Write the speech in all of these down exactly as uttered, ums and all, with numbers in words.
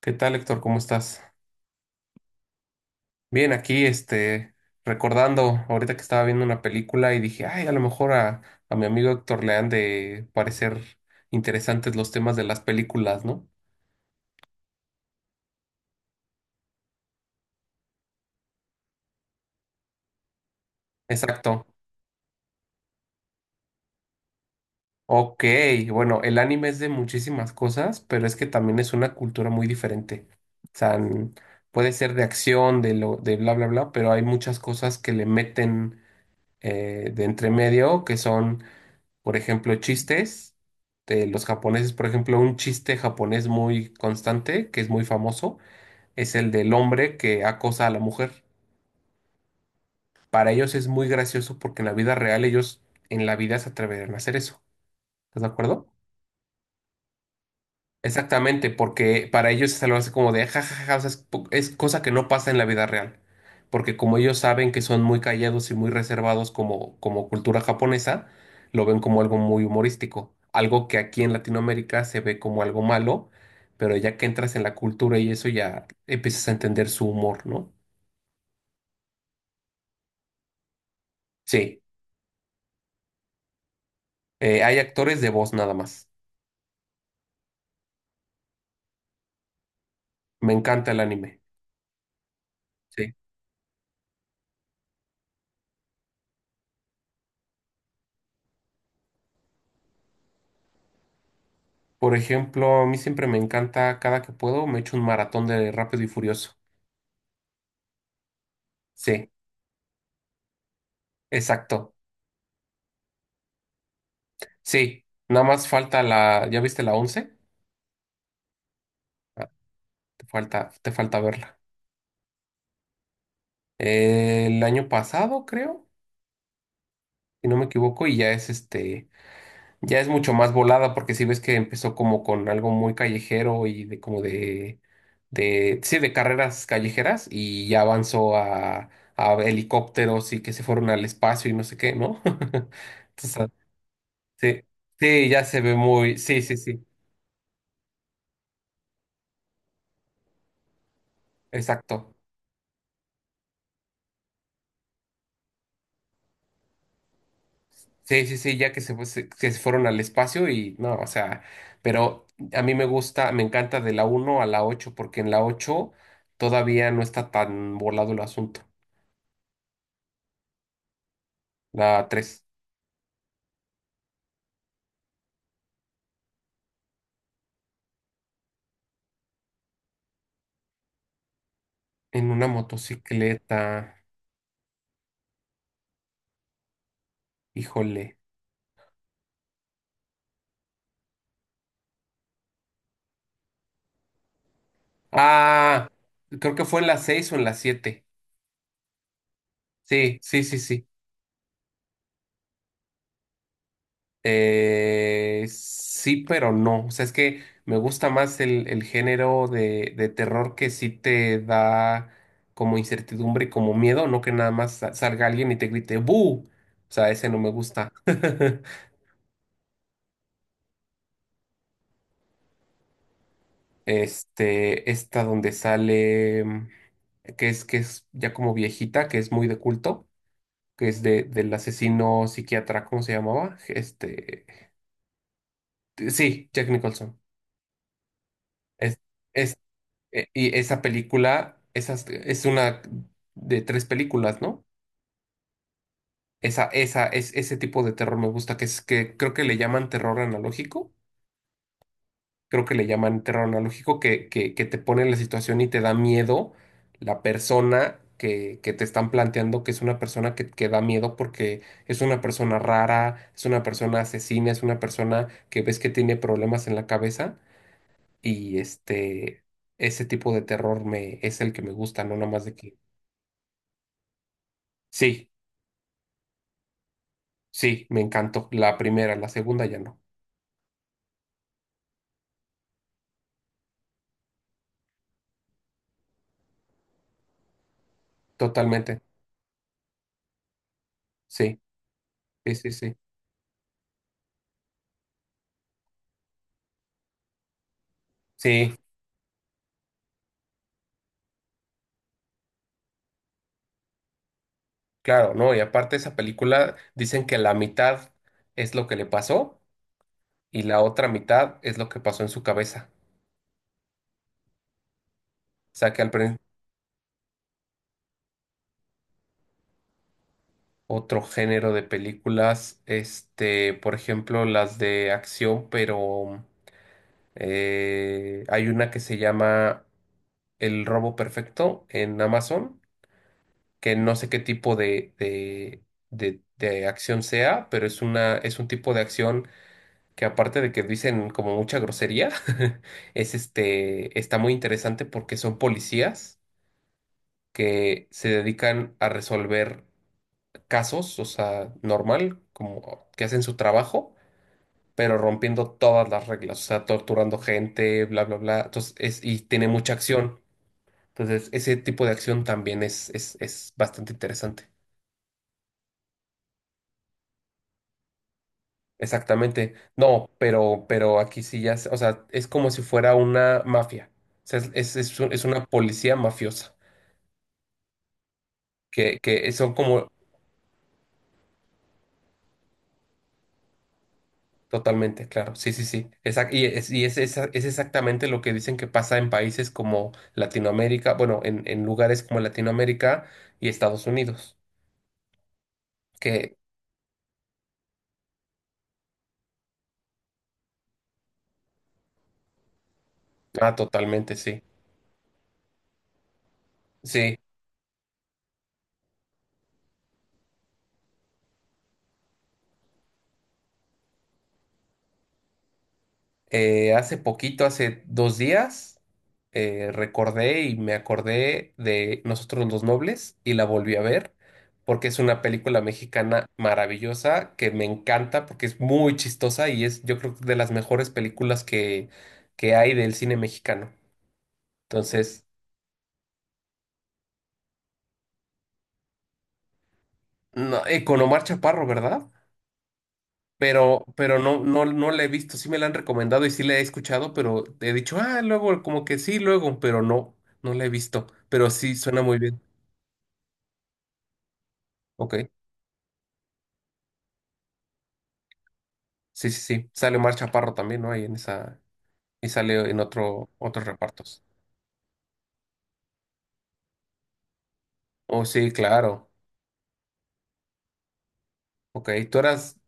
¿Qué tal, Héctor? ¿Cómo estás? Bien, aquí, este, recordando ahorita que estaba viendo una película y dije, ay, a lo mejor a, a mi amigo Héctor le han de parecer interesantes los temas de las películas, ¿no? Exacto. Ok, bueno, el anime es de muchísimas cosas, pero es que también es una cultura muy diferente. O sea, n- puede ser de acción, de lo, de bla, bla, bla, pero hay muchas cosas que le meten eh, de entre medio que son. Por ejemplo, chistes de los japoneses. Por ejemplo, un chiste japonés muy constante, que es muy famoso, es el del hombre que acosa a la mujer. Para ellos es muy gracioso porque en la vida real ellos en la vida se atreverían a hacer eso. ¿Estás de acuerdo? Exactamente, porque para ellos es algo así como de jajaja, o sea, es, po- es cosa que no pasa en la vida real. Porque como ellos saben que son muy callados y muy reservados como, como cultura japonesa, lo ven como algo muy humorístico. Algo que aquí en Latinoamérica se ve como algo malo, pero ya que entras en la cultura y eso ya empiezas a entender su humor, ¿no? Sí, eh, hay actores de voz nada más. Me encanta el anime. Sí. Por ejemplo, a mí siempre me encanta, cada que puedo, me echo un maratón de Rápido y Furioso. Sí. Exacto. Sí, nada más falta la, ¿ya viste la once? Ah, te falta, te falta verla. Eh, El año pasado, creo, si no me equivoco, y ya es este, ya es mucho más volada porque si ves que empezó como con algo muy callejero y de como de, de, sí, de carreras callejeras y ya avanzó a, a helicópteros y que se fueron al espacio y no sé qué, ¿no? Entonces, ah, sí, sí, ya se ve muy, sí, sí, sí, exacto. Sí, sí, sí, ya que se, fue- se- que se fueron al espacio y no, o sea, pero a mí me gusta, me encanta de la uno a la ocho porque en la ocho todavía no está tan volado el asunto. La tres en una motocicleta, híjole. Ah, creo que fue en la seis o en la siete. Sí, sí, sí, sí. Eh, sí, pero no. O sea, es que me gusta más el, el género de, de terror que sí te da como incertidumbre y como miedo, no que nada más sa- salga alguien y te grite ¡Bu! O sea, ese no me gusta. Este, esta donde sale, mm, que es, que es ya como viejita, que es muy de culto, que es de, del asesino psiquiatra, ¿cómo se llamaba? Este, sí, Jack Nicholson. Es, E- Y esa película, esas, es una de tres películas, ¿no? Esa, esa, es, ese tipo de terror me gusta, que es que creo que le llaman terror analógico, creo que le llaman terror analógico, que, que, que te pone en la situación y te da miedo la persona que, que te están planteando, que es una persona que, que da miedo porque es una persona rara, es una persona asesina, es una persona que ves que tiene problemas en la cabeza y este, ese tipo de terror me, es el que me gusta, no nada más de que. Sí, sí, me encantó. La primera, la segunda ya no. Totalmente. Sí, sí, sí, sí. Sí, claro, ¿no? Y aparte esa película dicen que la mitad es lo que le pasó y la otra mitad es lo que pasó en su cabeza. O sea que al prin- otro género de películas, este, por ejemplo, las de acción, pero eh, hay una que se llama El Robo Perfecto en Amazon que no sé qué tipo de, de, de, de acción sea, pero es una, es un tipo de acción que aparte de que dicen como mucha grosería, es este, está muy interesante porque son policías que se dedican a resolver casos, o sea, normal, como que hacen su trabajo. Pero rompiendo todas las reglas, o sea, torturando gente, bla, bla, bla. Entonces, es, y tiene mucha acción. Entonces, ese tipo de acción también es, es, es bastante interesante. Exactamente. No, pero, pero aquí sí ya, se- o sea, es como si fuera una mafia. O sea, es, es, es un- es una policía mafiosa, que, que son como totalmente, claro, sí, sí, sí. Exact, y es, y es, esa- es exactamente lo que dicen que pasa en países como Latinoamérica, bueno, en, en lugares como Latinoamérica y Estados Unidos, que, ah, totalmente, sí. Sí, Eh, hace poquito, hace dos días, eh, recordé y me acordé de Nosotros los Nobles y la volví a ver porque es una película mexicana maravillosa que me encanta porque es muy chistosa y es yo creo que de las mejores películas que, que hay del cine mexicano. Entonces, no, eh, con Omar Chaparro, ¿verdad? Pero, pero no, no, no la he visto, sí me la han recomendado y sí la he escuchado, pero he dicho, ah, luego, como que sí, luego, pero no, no la he visto, pero sí suena muy bien. Ok, sí, sí, sí. Sale Omar Chaparro también, ¿no? Ahí en esa, y sale en otro, otros repartos. Oh, sí, claro. Ok, tú eras,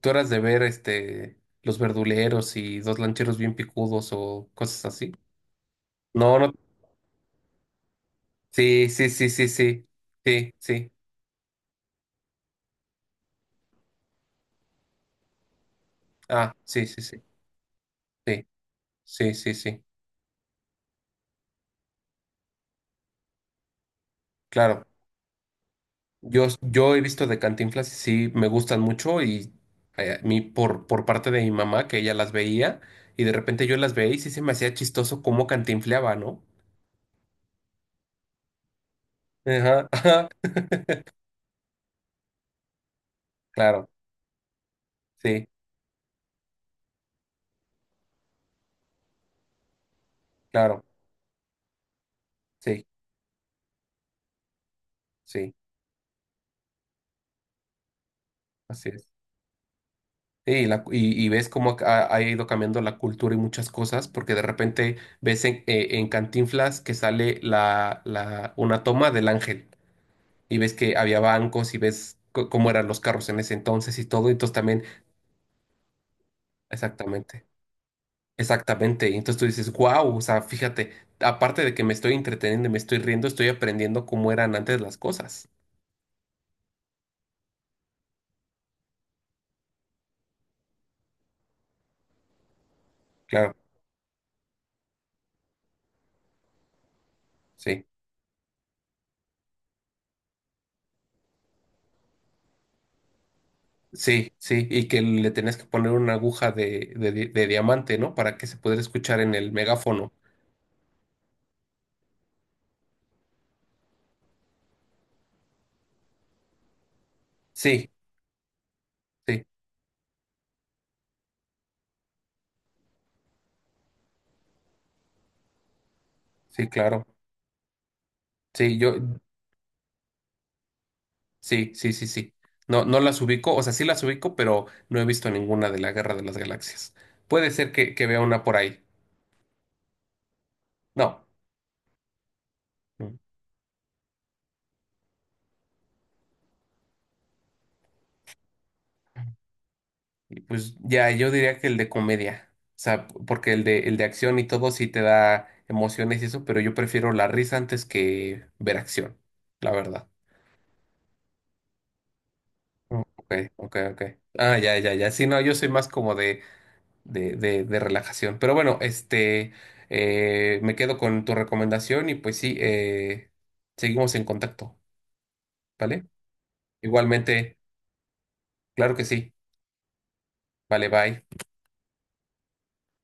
tú eras de ver este Los Verduleros y Dos Lancheros Bien Picudos o cosas así. No, no. Sí, sí, sí, sí, sí. Sí, sí. Ah, sí, sí, sí. Sí, sí, sí, sí. Claro. Yo, yo he visto de Cantinflas y sí me gustan mucho y eh, a mí por, por parte de mi mamá que ella las veía y de repente yo las veía y sí se me hacía chistoso cómo cantinfleaba, ¿no? Ajá, ajá, claro, sí, claro, sí, sí, así es. Y, la, y, y ves cómo ha, ha ido cambiando la cultura y muchas cosas porque de repente ves en, eh, en Cantinflas que sale la, la, una toma del ángel y ves que había bancos y ves co- cómo eran los carros en ese entonces y todo, entonces también... Exactamente. Exactamente, y entonces tú dices, wow, o sea, fíjate, aparte de que me estoy entreteniendo y me estoy riendo, estoy aprendiendo cómo eran antes las cosas. Claro, sí, sí, sí, y que le tenías que poner una aguja de, de, di- de diamante, ¿no? Para que se pudiera escuchar en el megáfono. Sí, sí, sí, claro. Sí, yo, sí, sí, sí, sí. No, no las ubico, o sea, sí las ubico, pero no he visto ninguna de la Guerra de las Galaxias. Puede ser que, que vea una por ahí. No, no. Y pues ya, yo diría que el de comedia. O sea, p- porque el de, el de acción y todo sí te da emociones y eso, pero yo prefiero la risa antes que ver acción, la verdad. Oh, Ok, ok, ok. Ah, ya, ya, ya. Sí, no, yo soy más como de, de, de, de relajación. Pero bueno, este, eh, me quedo con tu recomendación y pues sí, eh, seguimos en contacto, ¿vale? Igualmente, claro que sí. Vale, bye.